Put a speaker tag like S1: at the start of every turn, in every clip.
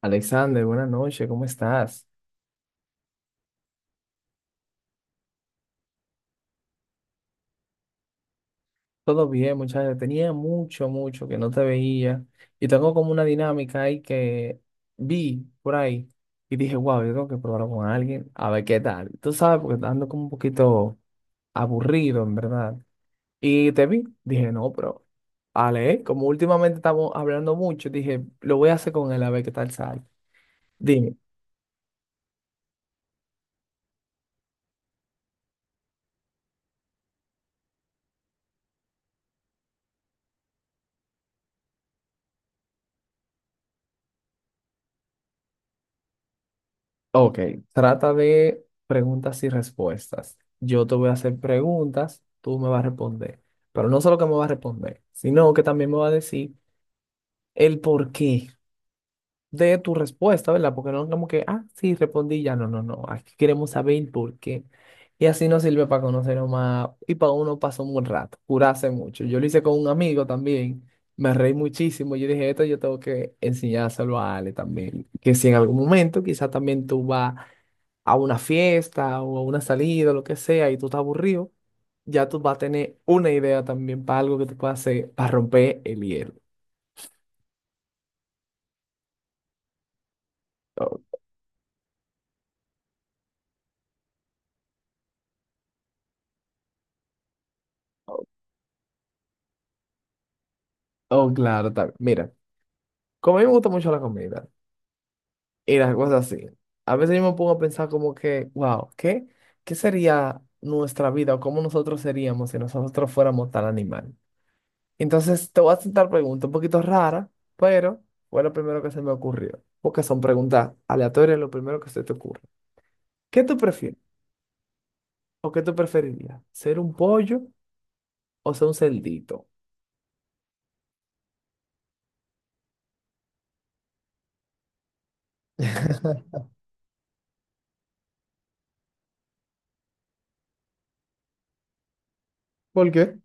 S1: Alexander, buenas noches, ¿cómo estás? Todo bien, muchachos. Tenía mucho, mucho que no te veía. Y tengo como una dinámica ahí que vi por ahí y dije, wow, yo tengo que probarlo con alguien, a ver qué tal. Tú sabes, porque ando como un poquito aburrido, en verdad. Y te vi, dije, no, pero, Ale, como últimamente estamos hablando mucho, dije, lo voy a hacer con él, a ver qué tal sale. Dime. Ok, trata de preguntas y respuestas. Yo te voy a hacer preguntas, tú me vas a responder. Pero no solo que me vas a responder, sino que también me vas a decir el porqué de tu respuesta, ¿verdad? Porque no es como que, ah, sí, respondí ya. No, no, no. Aquí queremos saber el porqué. Y así nos sirve para conocernos más y para uno pasó un buen rato, curarse mucho. Yo lo hice con un amigo también, me reí muchísimo. Yo dije, esto yo tengo que enseñárselo a Ale también. Que si en algún momento quizás también tú vas a una fiesta o a una salida, lo que sea, y tú estás aburrido, ya tú vas a tener una idea también para algo que tú puedas hacer para romper el hielo. Oh, oh, oh, claro, también. Mira, como a mí me gusta mucho la comida y las cosas así, a veces yo me pongo a pensar como que, wow, ¿qué sería nuestra vida o cómo nosotros seríamos si nosotros fuéramos tal animal? Entonces te voy a hacer preguntas un poquito raras, pero fue lo primero que se me ocurrió, porque son preguntas aleatorias, lo primero que se te ocurre. ¿Qué tú prefieres? ¿O qué tú preferirías? ¿Ser un pollo o ser un cerdito? ¿Por qué?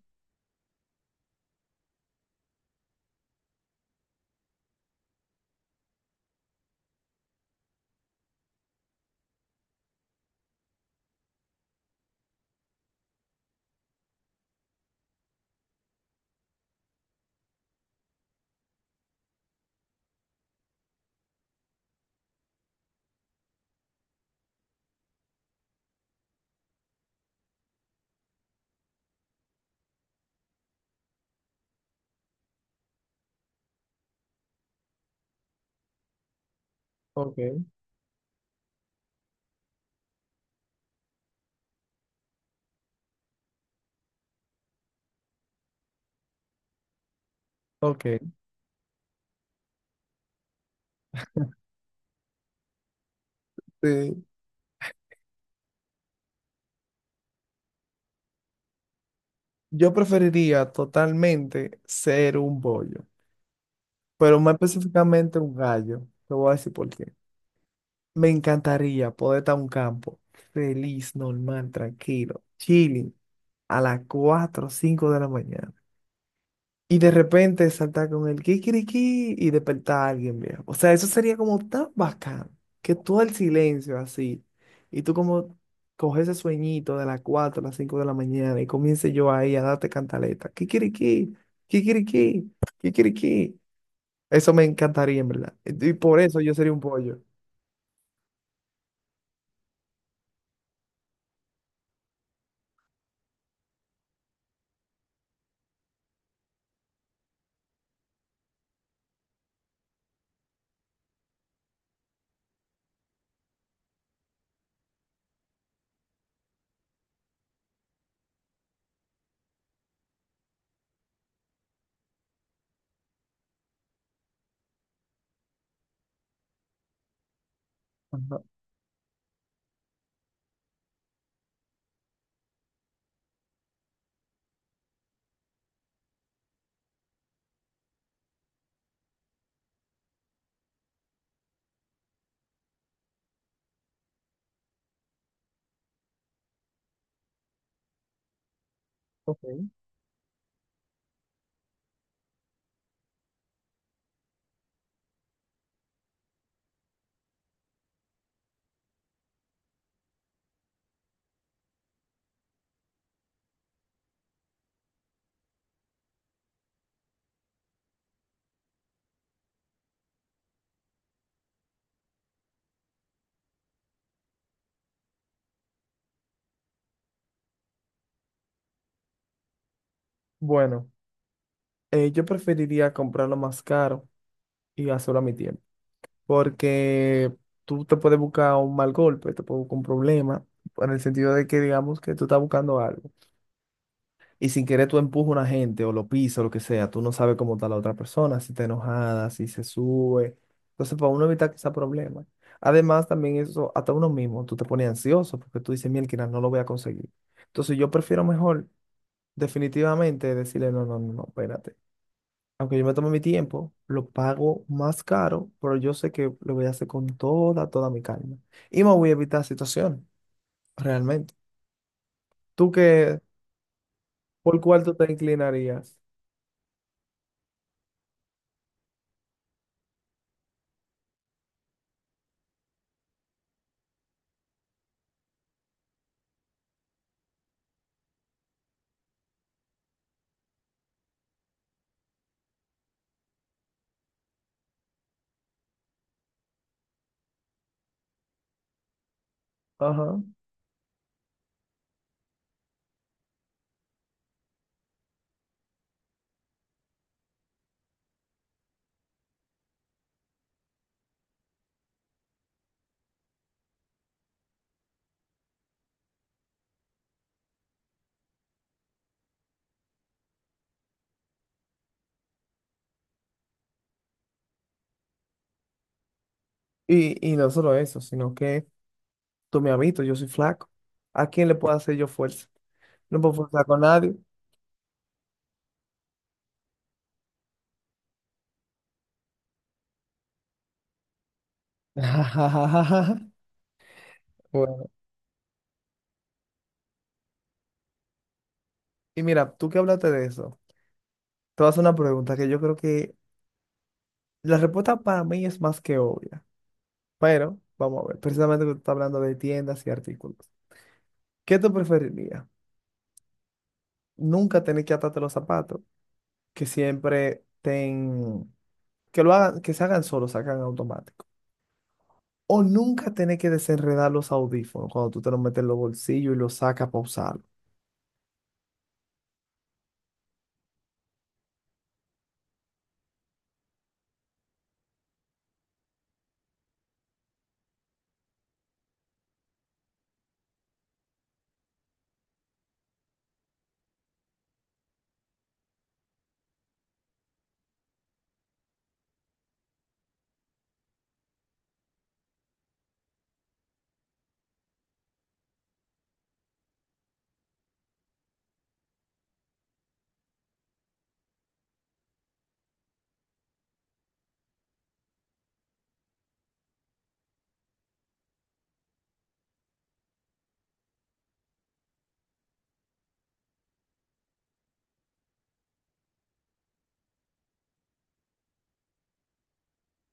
S1: Ok, ok. Eh, yo preferiría totalmente ser un pollo, pero más específicamente un gallo. Te voy a decir por qué. Me encantaría poder estar en un campo feliz, normal, tranquilo, chilling, a las 4 o 5 de la mañana. Y de repente saltar con el kikiriki y despertar a alguien, viejo. O sea, eso sería como tan bacán que todo el silencio así. Y tú como coges ese sueñito de las 4 a las 5 de la mañana y comience yo ahí a darte cantaleta. Kikiriki, kikiriki, kikiriki. Eso me encantaría, en verdad. Y por eso yo sería un pollo. Ajá, ok. Bueno, yo preferiría comprarlo más caro y hacerlo a mi tiempo. Porque tú te puedes buscar un mal golpe, te puedes buscar un problema, en el sentido de que digamos que tú estás buscando algo y sin querer tú empujas a una gente o lo pisas o lo que sea, tú no sabes cómo está la otra persona, si está enojada, si se sube. Entonces, para uno evitar que sea problema. Además, también eso, hasta uno mismo, tú te pones ansioso porque tú dices, mira, no lo voy a conseguir. Entonces, yo prefiero mejor definitivamente decirle, no, no, no, no, espérate, aunque yo me tome mi tiempo, lo pago más caro, pero yo sé que lo voy a hacer con toda, toda mi calma. Y me voy a evitar situación, realmente. ¿Tú qué, por cuál tú te inclinarías? Ajá. Y no solo eso, sino que tú me has visto, yo soy flaco. ¿A quién le puedo hacer yo fuerza? No puedo forzar con nadie. Bueno, y mira, tú que hablaste de eso, te vas a hacer una pregunta que yo creo que la respuesta para mí es más que obvia. Pero, vamos a ver, precisamente que tú estás hablando de tiendas y artículos. ¿Qué tú preferirías? Nunca tener que atarte los zapatos, que siempre ten, que lo hagan, que se hagan solos, se hagan automático. O nunca tener que desenredar los audífonos cuando tú te los metes en los bolsillos y los sacas para usarlo.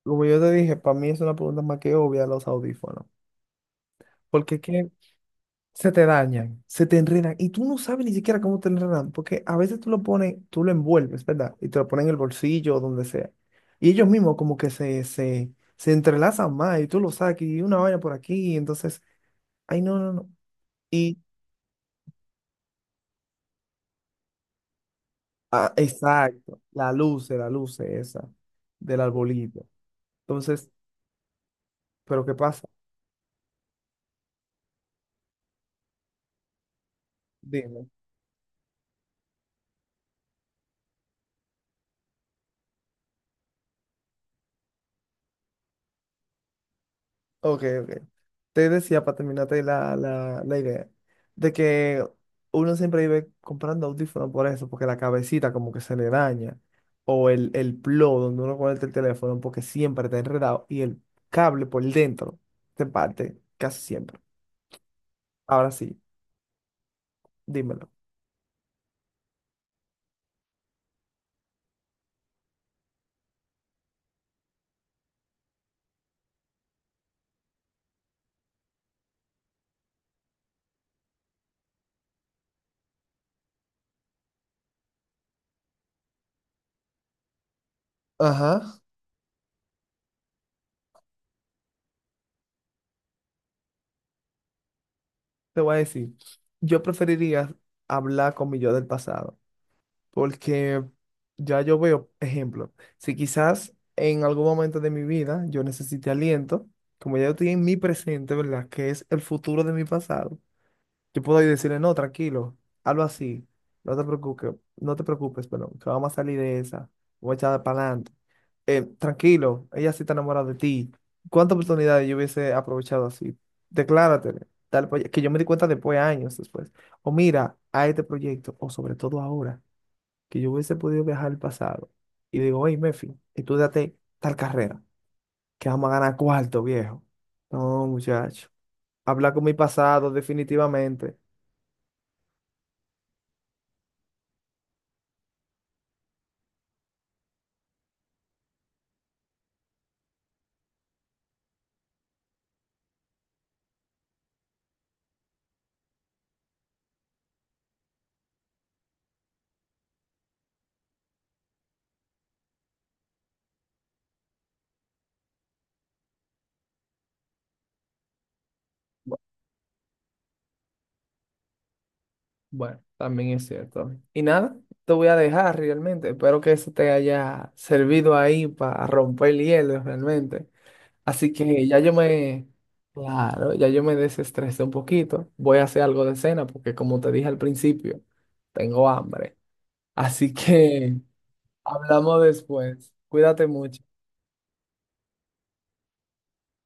S1: Como yo te dije, para mí es una pregunta más que obvia los audífonos. Porque ¿qué, se te dañan, se te enredan y tú no sabes ni siquiera cómo te enredan, porque a veces tú lo pones, tú lo envuelves, ¿verdad? Y te lo pones en el bolsillo o donde sea. Y ellos mismos como que se entrelazan más y tú lo sacas y una vaina por aquí, y entonces, ay, no, no, no. Y, ah, exacto, la luz esa del arbolito. Entonces, ¿pero qué pasa? Dime. Ok, ok. Te decía para terminarte la idea de que uno siempre vive comprando audífonos por eso, porque la cabecita como que se le daña, o el plo donde uno conecta el teléfono porque siempre está enredado y el cable por dentro se parte casi siempre. Ahora sí, dímelo. Ajá. Te voy a decir, yo preferiría hablar con mi yo del pasado. Porque ya yo veo, ejemplo, si quizás en algún momento de mi vida yo necesite aliento, como ya yo estoy en mi presente, ¿verdad? Que es el futuro de mi pasado, yo puedo ir decirle, no, tranquilo, hazlo así, no te preocupes, no te preocupes, perdón, que vamos a salir de esa, voy a echar para adelante. Tranquilo, ella sí está enamorada de ti. ¿Cuántas oportunidades yo hubiese aprovechado así? Decláratele, tal, que yo me di cuenta después, años después. O mira, a este proyecto, o sobre todo ahora que yo hubiese podido viajar al pasado y digo, hey, Mefi, date tal carrera, que vamos a ganar cuarto, viejo. No, muchacho. Habla con mi pasado, definitivamente. Bu- Bueno, también es cierto. Y nada, te voy a dejar realmente. Espero que eso te haya servido ahí para romper el hielo realmente. Así que ya yo me, claro, ya yo me desestresé un poquito. Voy a hacer algo de cena porque como te dije al principio, tengo hambre. Así que hablamos después. Cuídate mucho.